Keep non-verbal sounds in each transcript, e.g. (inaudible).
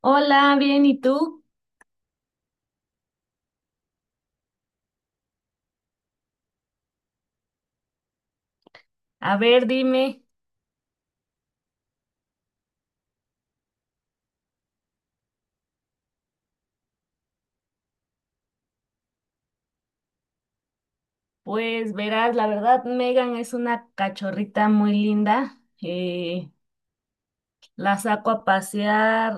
Hola, bien, ¿y tú? A ver, dime, pues verás, la verdad, Megan es una cachorrita muy linda. La saco a pasear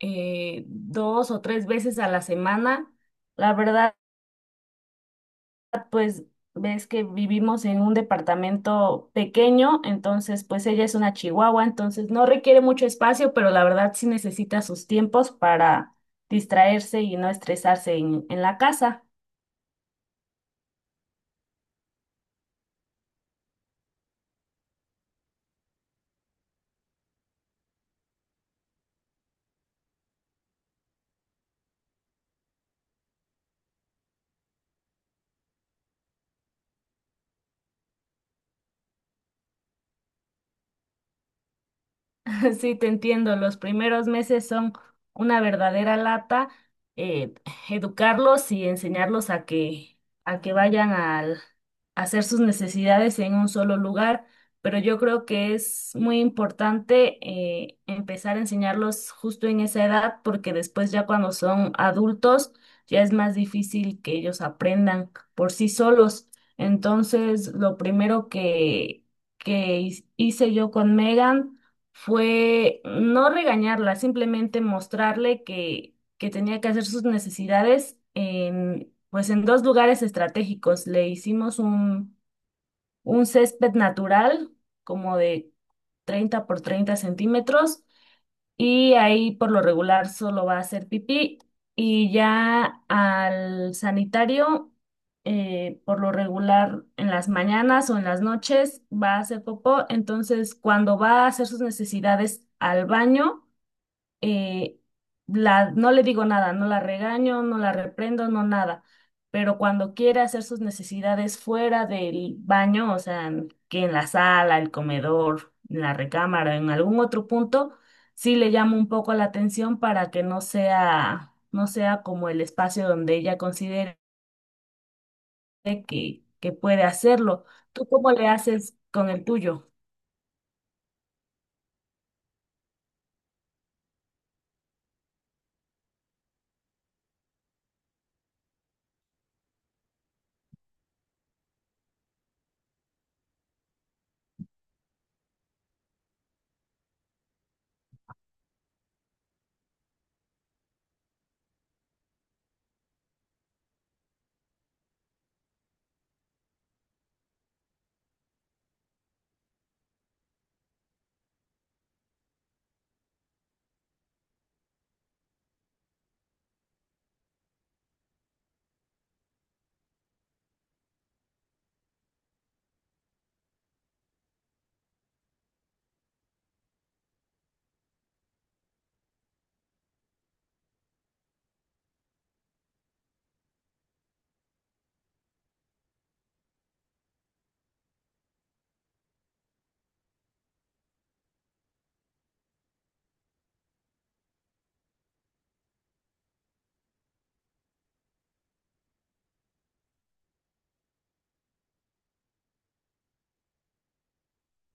2 o 3 veces a la semana. La verdad, pues ves que vivimos en un departamento pequeño, entonces pues ella es una chihuahua, entonces no requiere mucho espacio, pero la verdad sí necesita sus tiempos para distraerse y no estresarse en la casa. (laughs) Sí, te entiendo. Los primeros meses son una verdadera lata. eh, Educarlos y enseñarlos a que vayan al- a hacer sus necesidades en un solo lugar. Pero yo creo que es muy importante empezar a enseñarlos justo en esa edad, porque después ya cuando son adultos ya es más difícil que ellos aprendan por sí solos. Entonces, lo primero que hice yo con Megan fue no regañarla, simplemente mostrarle que tenía que hacer sus necesidades en, pues en dos lugares estratégicos. Le hicimos un césped natural como de 30 por 30 centímetros y ahí por lo regular solo va a hacer pipí y ya al sanitario por lo regular en las mañanas o en las noches va a hacer popó, entonces cuando va a hacer sus necesidades al baño, eh, no le digo nada, no la regaño, no la reprendo, no nada, pero cuando quiere hacer sus necesidades fuera del baño, o sea, que en la sala, el comedor, en la recámara, en algún otro punto, sí le llamo un poco la atención para que no sea como el espacio donde ella considere que puede hacerlo. ¿Tú cómo le haces con el tuyo?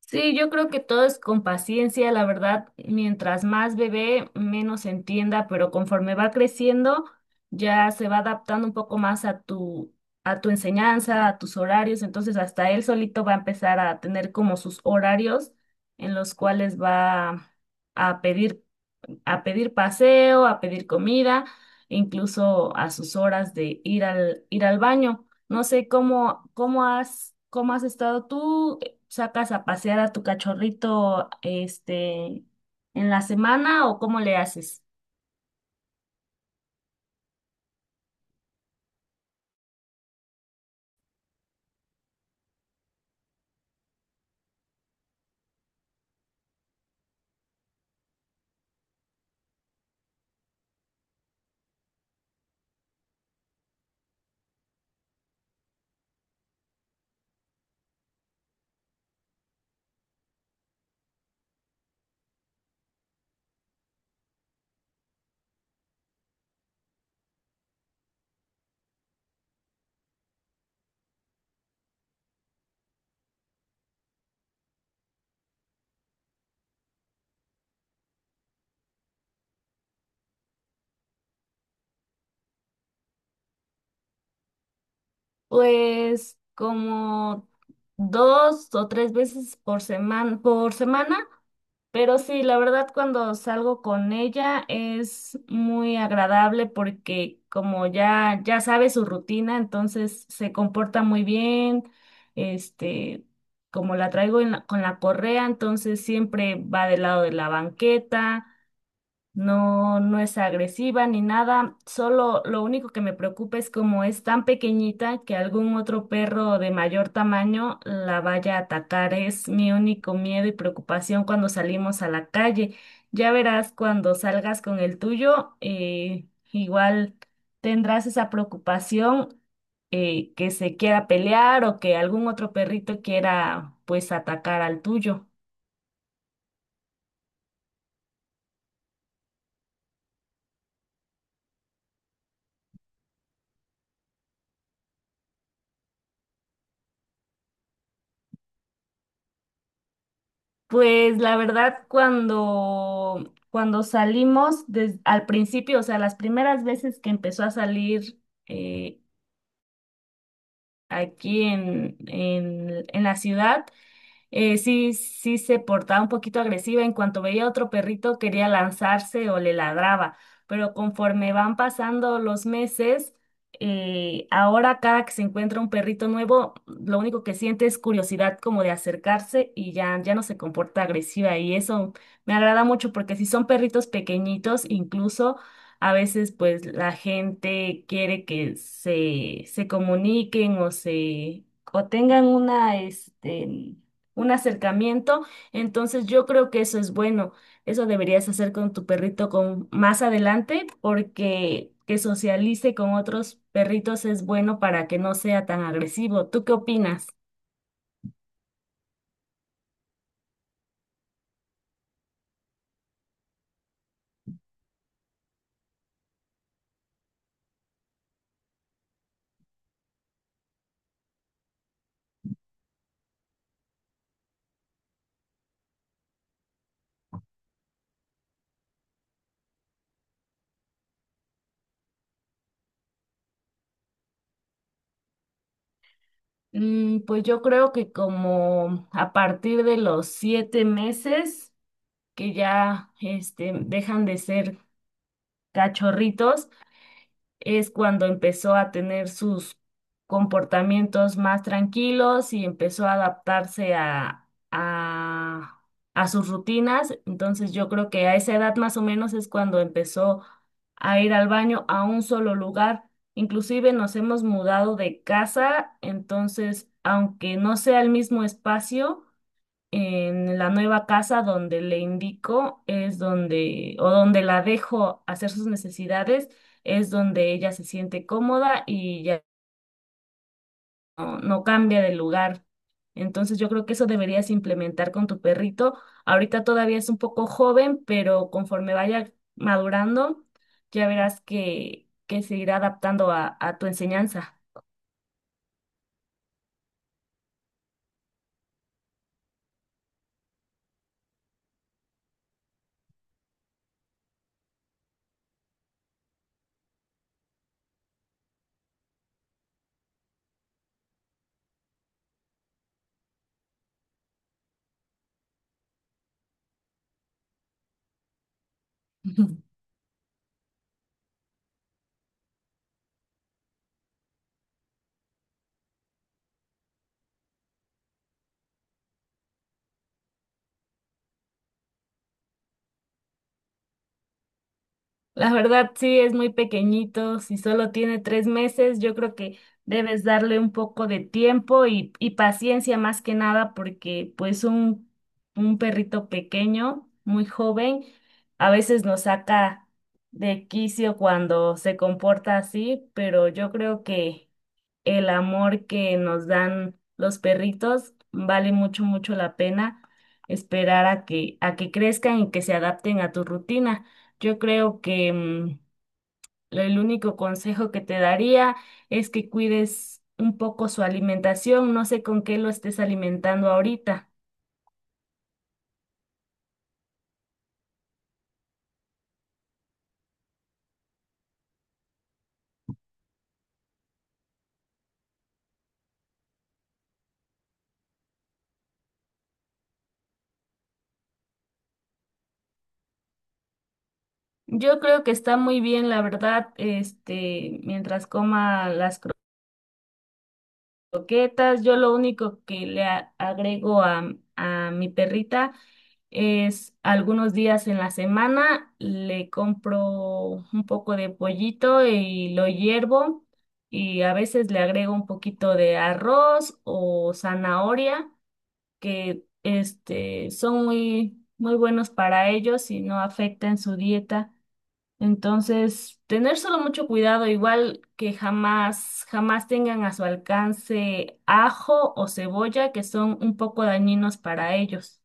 Sí, yo creo que todo es con paciencia, la verdad, mientras más bebé, menos entienda, pero conforme va creciendo, ya se va adaptando un poco más a a tu enseñanza, a tus horarios, entonces hasta él solito va a empezar a tener como sus horarios en los cuales va a pedir a pedir paseo, a pedir comida, incluso a sus horas de ir ir al baño. No sé cómo has estado tú, sacas a pasear a tu cachorrito, este, en la semana o cómo le haces. Pues como 2 o 3 veces por semana, pero sí, la verdad cuando salgo con ella es muy agradable porque como ya sabe su rutina, entonces se comporta muy bien, este, como la traigo en con la correa, entonces siempre va del lado de la banqueta. No, no es agresiva ni nada, solo lo único que me preocupa es como es tan pequeñita que algún otro perro de mayor tamaño la vaya a atacar. Es mi único miedo y preocupación cuando salimos a la calle. Ya verás cuando salgas con el tuyo, igual tendrás esa preocupación, que se quiera pelear o que algún otro perrito quiera pues atacar al tuyo. Pues la verdad, cuando al principio, o sea, las primeras veces que empezó a salir eh, aquí en la ciudad, sí, sí se portaba un poquito agresiva. En cuanto veía a otro perrito, quería lanzarse o le ladraba. Pero conforme van pasando los meses, ahora cada que se encuentra un perrito nuevo, lo único que siente es curiosidad como de acercarse y ya, ya no se comporta agresiva. Y eso me agrada mucho porque si son perritos pequeñitos, incluso a veces pues la gente quiere que se comuniquen o se o tengan una, este, un acercamiento. Entonces yo creo que eso es bueno. Eso deberías hacer con tu perrito con más adelante porque que socialice con otros perritos es bueno para que no sea tan agresivo. ¿Tú qué opinas? Mm, pues yo creo que como a partir de los 7 meses que ya este, dejan de ser cachorritos, es cuando empezó a tener sus comportamientos más tranquilos y empezó a adaptarse a sus rutinas. Entonces yo creo que a esa edad más o menos es cuando empezó a ir al baño a un solo lugar. Inclusive nos hemos mudado de casa, entonces aunque no sea el mismo espacio, en la nueva casa donde le indico es donde, o donde la dejo hacer sus necesidades, es donde ella se siente cómoda y ya no cambia de lugar. Entonces yo creo que eso deberías implementar con tu perrito. Ahorita todavía es un poco joven, pero conforme vaya madurando, ya verás que se irá adaptando a tu enseñanza. (laughs) La verdad, sí, es muy pequeñito. Si solo tiene 3 meses, yo creo que debes darle un poco de tiempo y paciencia más que nada, porque pues un perrito pequeño, muy joven, a veces nos saca de quicio cuando se comporta así, pero yo creo que el amor que nos dan los perritos vale mucho, mucho la pena esperar a a que crezcan y que se adapten a tu rutina. Yo creo que mm, el único consejo que te daría es que cuides un poco su alimentación. No sé con qué lo estés alimentando ahorita. Yo creo que está muy bien, la verdad, este, mientras coma las croquetas. Yo lo único que le agrego a mi perrita es algunos días en la semana le compro un poco de pollito y lo hiervo y a veces le agrego un poquito de arroz o zanahoria que este, son muy, muy buenos para ellos y no afectan su dieta. Entonces, tener solo mucho cuidado, igual que jamás, jamás tengan a su alcance ajo o cebolla, que son un poco dañinos para ellos.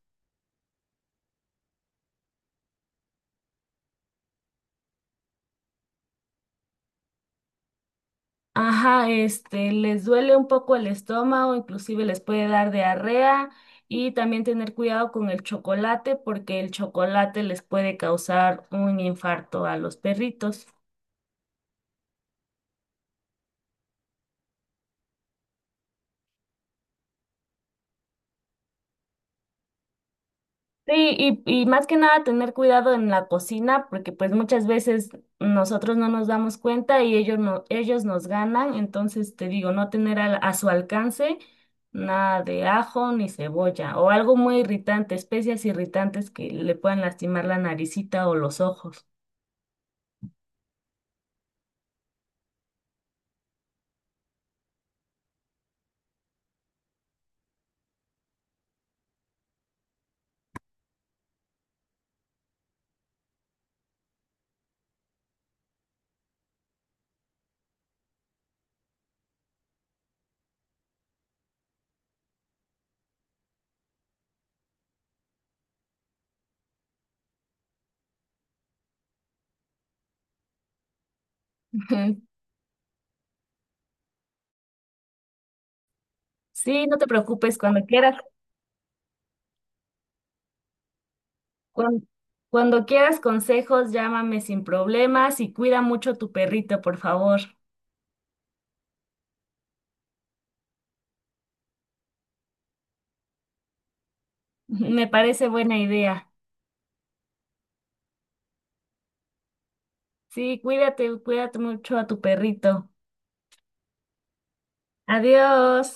Ajá, este, les duele un poco el estómago, inclusive les puede dar diarrea y también tener cuidado con el chocolate porque el chocolate les puede causar un infarto a los perritos. Sí, y más que nada tener cuidado en la cocina, porque pues muchas veces nosotros no nos damos cuenta y ellos no, ellos nos ganan, entonces te digo, no tener su alcance nada de ajo ni cebolla o algo muy irritante, especias irritantes que le puedan lastimar la naricita o los ojos. Ujú. Sí, no te preocupes, cuando quieras, cuan- cuando quieras consejos, llámame sin problemas y cuida mucho tu perrito, por favor. (laughs) Me parece buena idea. Sí, cuídate, cuídate mucho a tu perrito. Adiós.